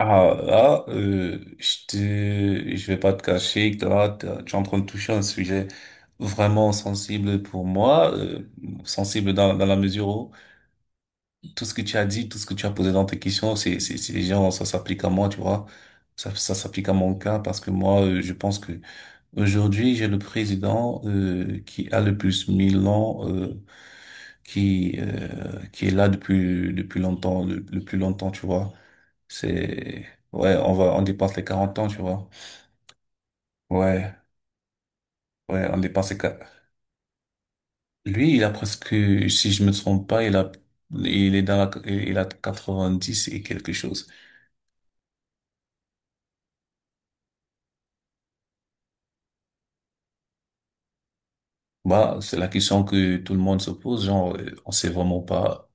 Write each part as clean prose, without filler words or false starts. Ah là, je vais pas te cacher que là, tu es en train de toucher un sujet vraiment sensible pour moi, sensible dans la mesure où tout ce que tu as dit, tout ce que tu as posé dans tes questions, c'est les gens, ça s'applique à moi, tu vois. Ça s'applique à mon cas parce que moi, je pense que aujourd'hui, j'ai le président qui a le plus mille ans, qui euh, qui est là depuis longtemps, le plus longtemps, tu vois. C'est, ouais, on dépasse les 40 ans, tu vois. Ouais, ouais, on dépasse les Lui, il a presque, si je me trompe pas, il a, il est dans la, il a 90 et quelque chose. Bah, c'est la question que tout le monde se pose, genre, on sait vraiment pas.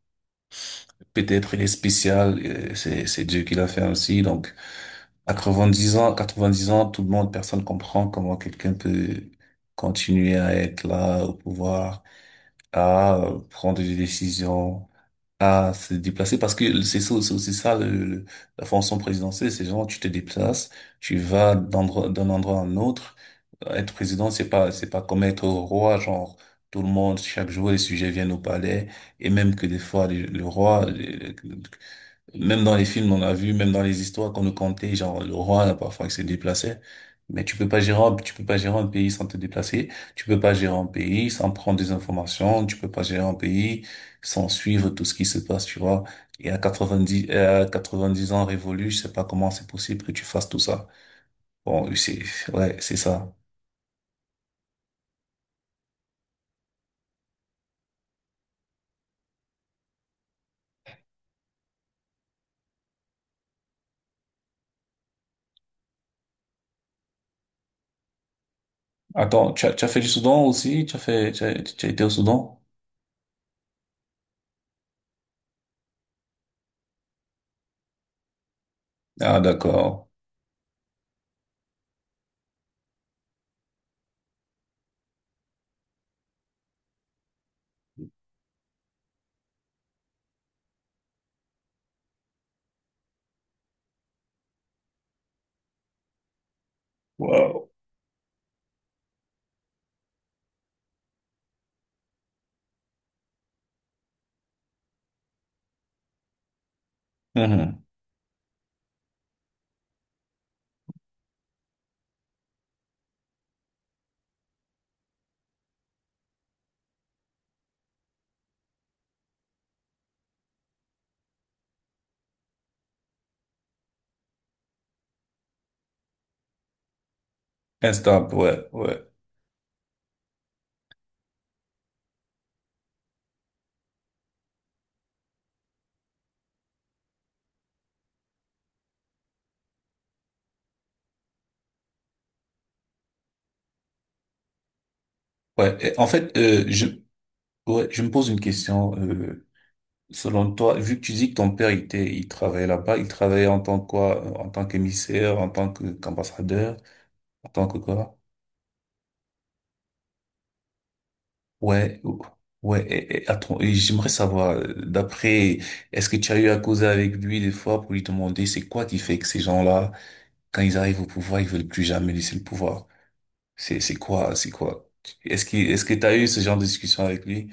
Peut-être il est spécial, c'est Dieu qui l'a fait ainsi, donc, à 90 ans, 90 ans, personne comprend comment quelqu'un peut continuer à être là, au pouvoir, à prendre des décisions, à se déplacer parce que c'est aussi ça la fonction présidentielle. C'est genre tu te déplaces, tu vas d'un endroit à un autre. Être président, c'est pas comme être roi, genre tout le monde, chaque jour, les sujets viennent au palais, et même que des fois le roi, même dans les films, on a vu, même dans les histoires qu'on nous contait, genre le roi, là, parfois, il se déplaçait. Mais tu peux pas gérer un pays sans te déplacer. Tu peux pas gérer un pays sans prendre des informations. Tu peux pas gérer un pays sans suivre tout ce qui se passe, tu vois. Et à 90 ans révolus, je sais pas comment c'est possible que tu fasses tout ça. Bon, oui, ouais, c'est ça. Attends, tu as fait du Soudan aussi? Tu as fait, tu as été au Soudan? Ah, d'accord. Wow. Mhm. Instable, ouais, ouais. Ouais. Ouais, je me pose une question. Euh, selon toi, vu que tu dis que ton père il était, il travaillait là-bas, il travaillait en tant que quoi? Euh, en tant qu'émissaire, en tant que qu'ambassadeur, en tant que quoi? Ouais, ouais. Et attends, et j'aimerais savoir. Est-ce que tu as eu à causer avec lui des fois pour lui demander c'est quoi qui fait que ces gens-là, quand ils arrivent au pouvoir, ils veulent plus jamais laisser le pouvoir? C'est quoi? Est-ce que t'as eu ce genre de discussion avec lui?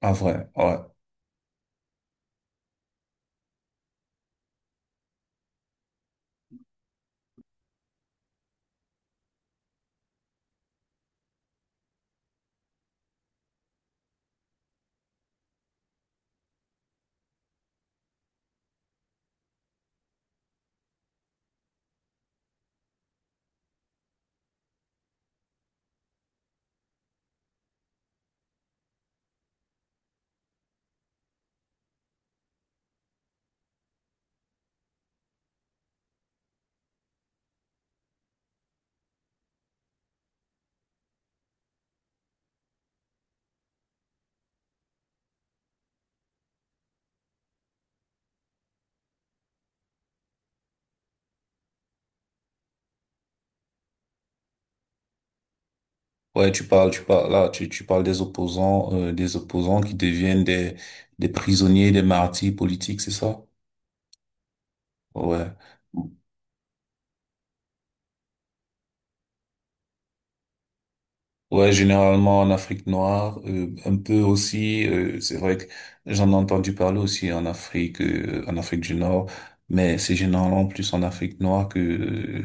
En vrai, ouais. Ouais, là, tu parles des opposants, qui deviennent des prisonniers, des martyrs politiques, c'est ça? Ouais. Ouais, généralement en Afrique noire, un peu aussi, c'est vrai que j'en ai entendu parler aussi en Afrique du Nord, mais c'est généralement plus en Afrique noire que, euh,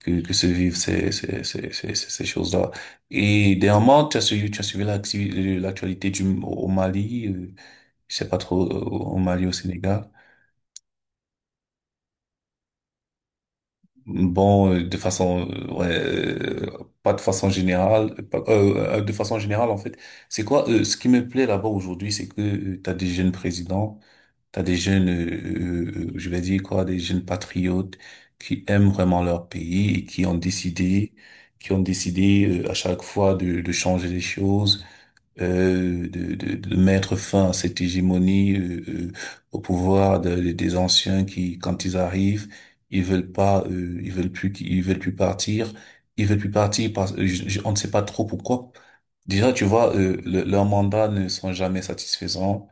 que, que se vivent ces choses-là. Et dernièrement, tu as suivi l'actualité au Mali. Euh, je sais pas trop, au Mali, au Sénégal. Bon, ouais, de façon générale en fait. C'est quoi, ce qui me plaît là-bas aujourd'hui, c'est que tu t'as des jeunes présidents, t'as des jeunes, je vais dire quoi, des jeunes patriotes qui aiment vraiment leur pays et qui ont décidé à chaque fois de changer les choses, de mettre fin à cette hégémonie, au pouvoir des anciens qui, quand ils arrivent, ils veulent pas, ils veulent plus, ils veulent plus partir, ils veulent plus partir parce on ne sait pas trop pourquoi. Déjà, tu vois, leurs mandats ne sont jamais satisfaisants.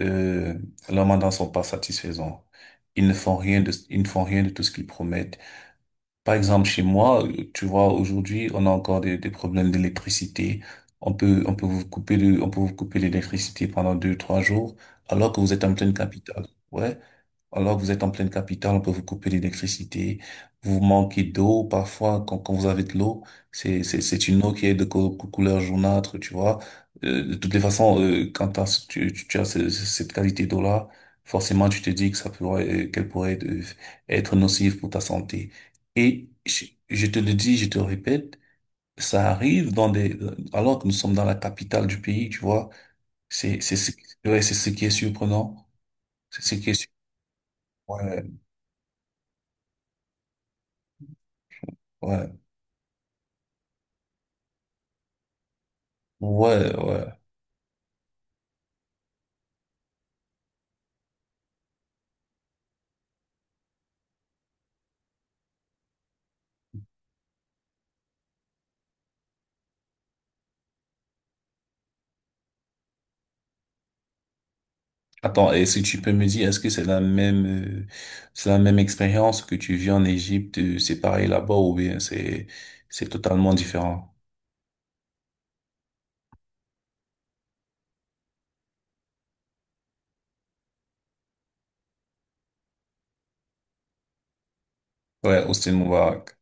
Euh, leurs mandats ne sont pas satisfaisants. Ils ne font rien de tout ce qu'ils promettent. Par exemple, chez moi, tu vois, aujourd'hui, on a encore des problèmes d'électricité. On peut on peut vous couper l'électricité pendant deux, trois jours, alors que vous êtes en pleine capitale. Ouais. Alors que vous êtes en pleine capitale, on peut vous couper l'électricité, vous manquez d'eau, parfois quand, vous avez de l'eau, c'est une eau qui est de couleur jaunâtre, tu vois. De toutes les façons, quand t'as ce- tu as cette qualité d'eau-là, forcément tu te dis que ça pourrait qu'elle pourrait être nocive pour ta santé. Et je te le dis, je te le répète, ça arrive dans des alors que nous sommes dans la capitale du pays, tu vois. C'est c'est ce- ouais, c'est ce qui est surprenant, c'est ce qui est sur- ouais, ouais. Ouais, ouais. Attends, et si tu peux me dire, est-ce que euh, c'est la même expérience que tu vis en Égypte, c'est pareil là-bas ou bien c'est totalement différent? Ouais, Hosni Moubarak.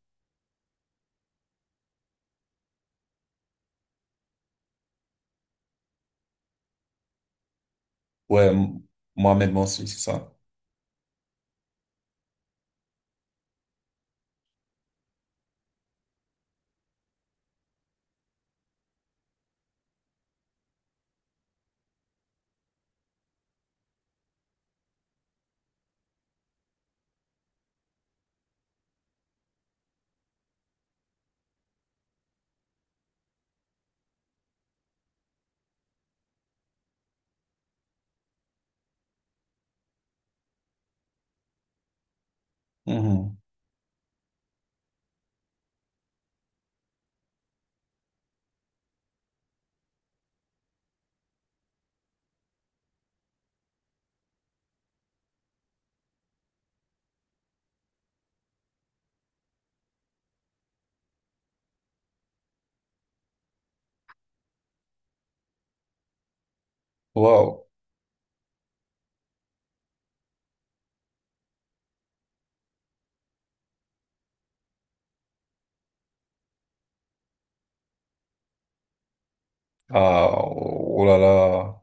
Ouais, Mohamed Morsi, c'est ça. Mhm. Wow. Ah, oh là là.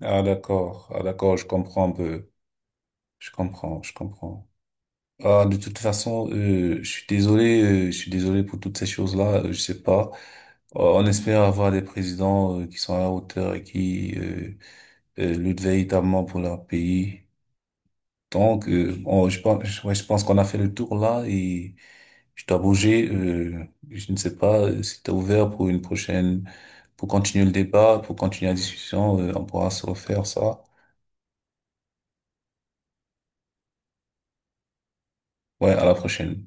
Ah, d'accord. Ah, d'accord, je comprends un peu. Je comprends, je comprends. Ah, de toute façon, je suis désolé pour toutes ces choses-là. Je sais pas. On espère avoir des présidents qui sont à la hauteur et qui luttent véritablement pour leur pays. Donc, je pense, je pense qu'on a fait le tour là et je dois bouger. Je ne sais pas si t'es ouvert pour une prochaine, pour continuer le débat, pour continuer la discussion. On pourra se refaire ça. Ouais, à la prochaine.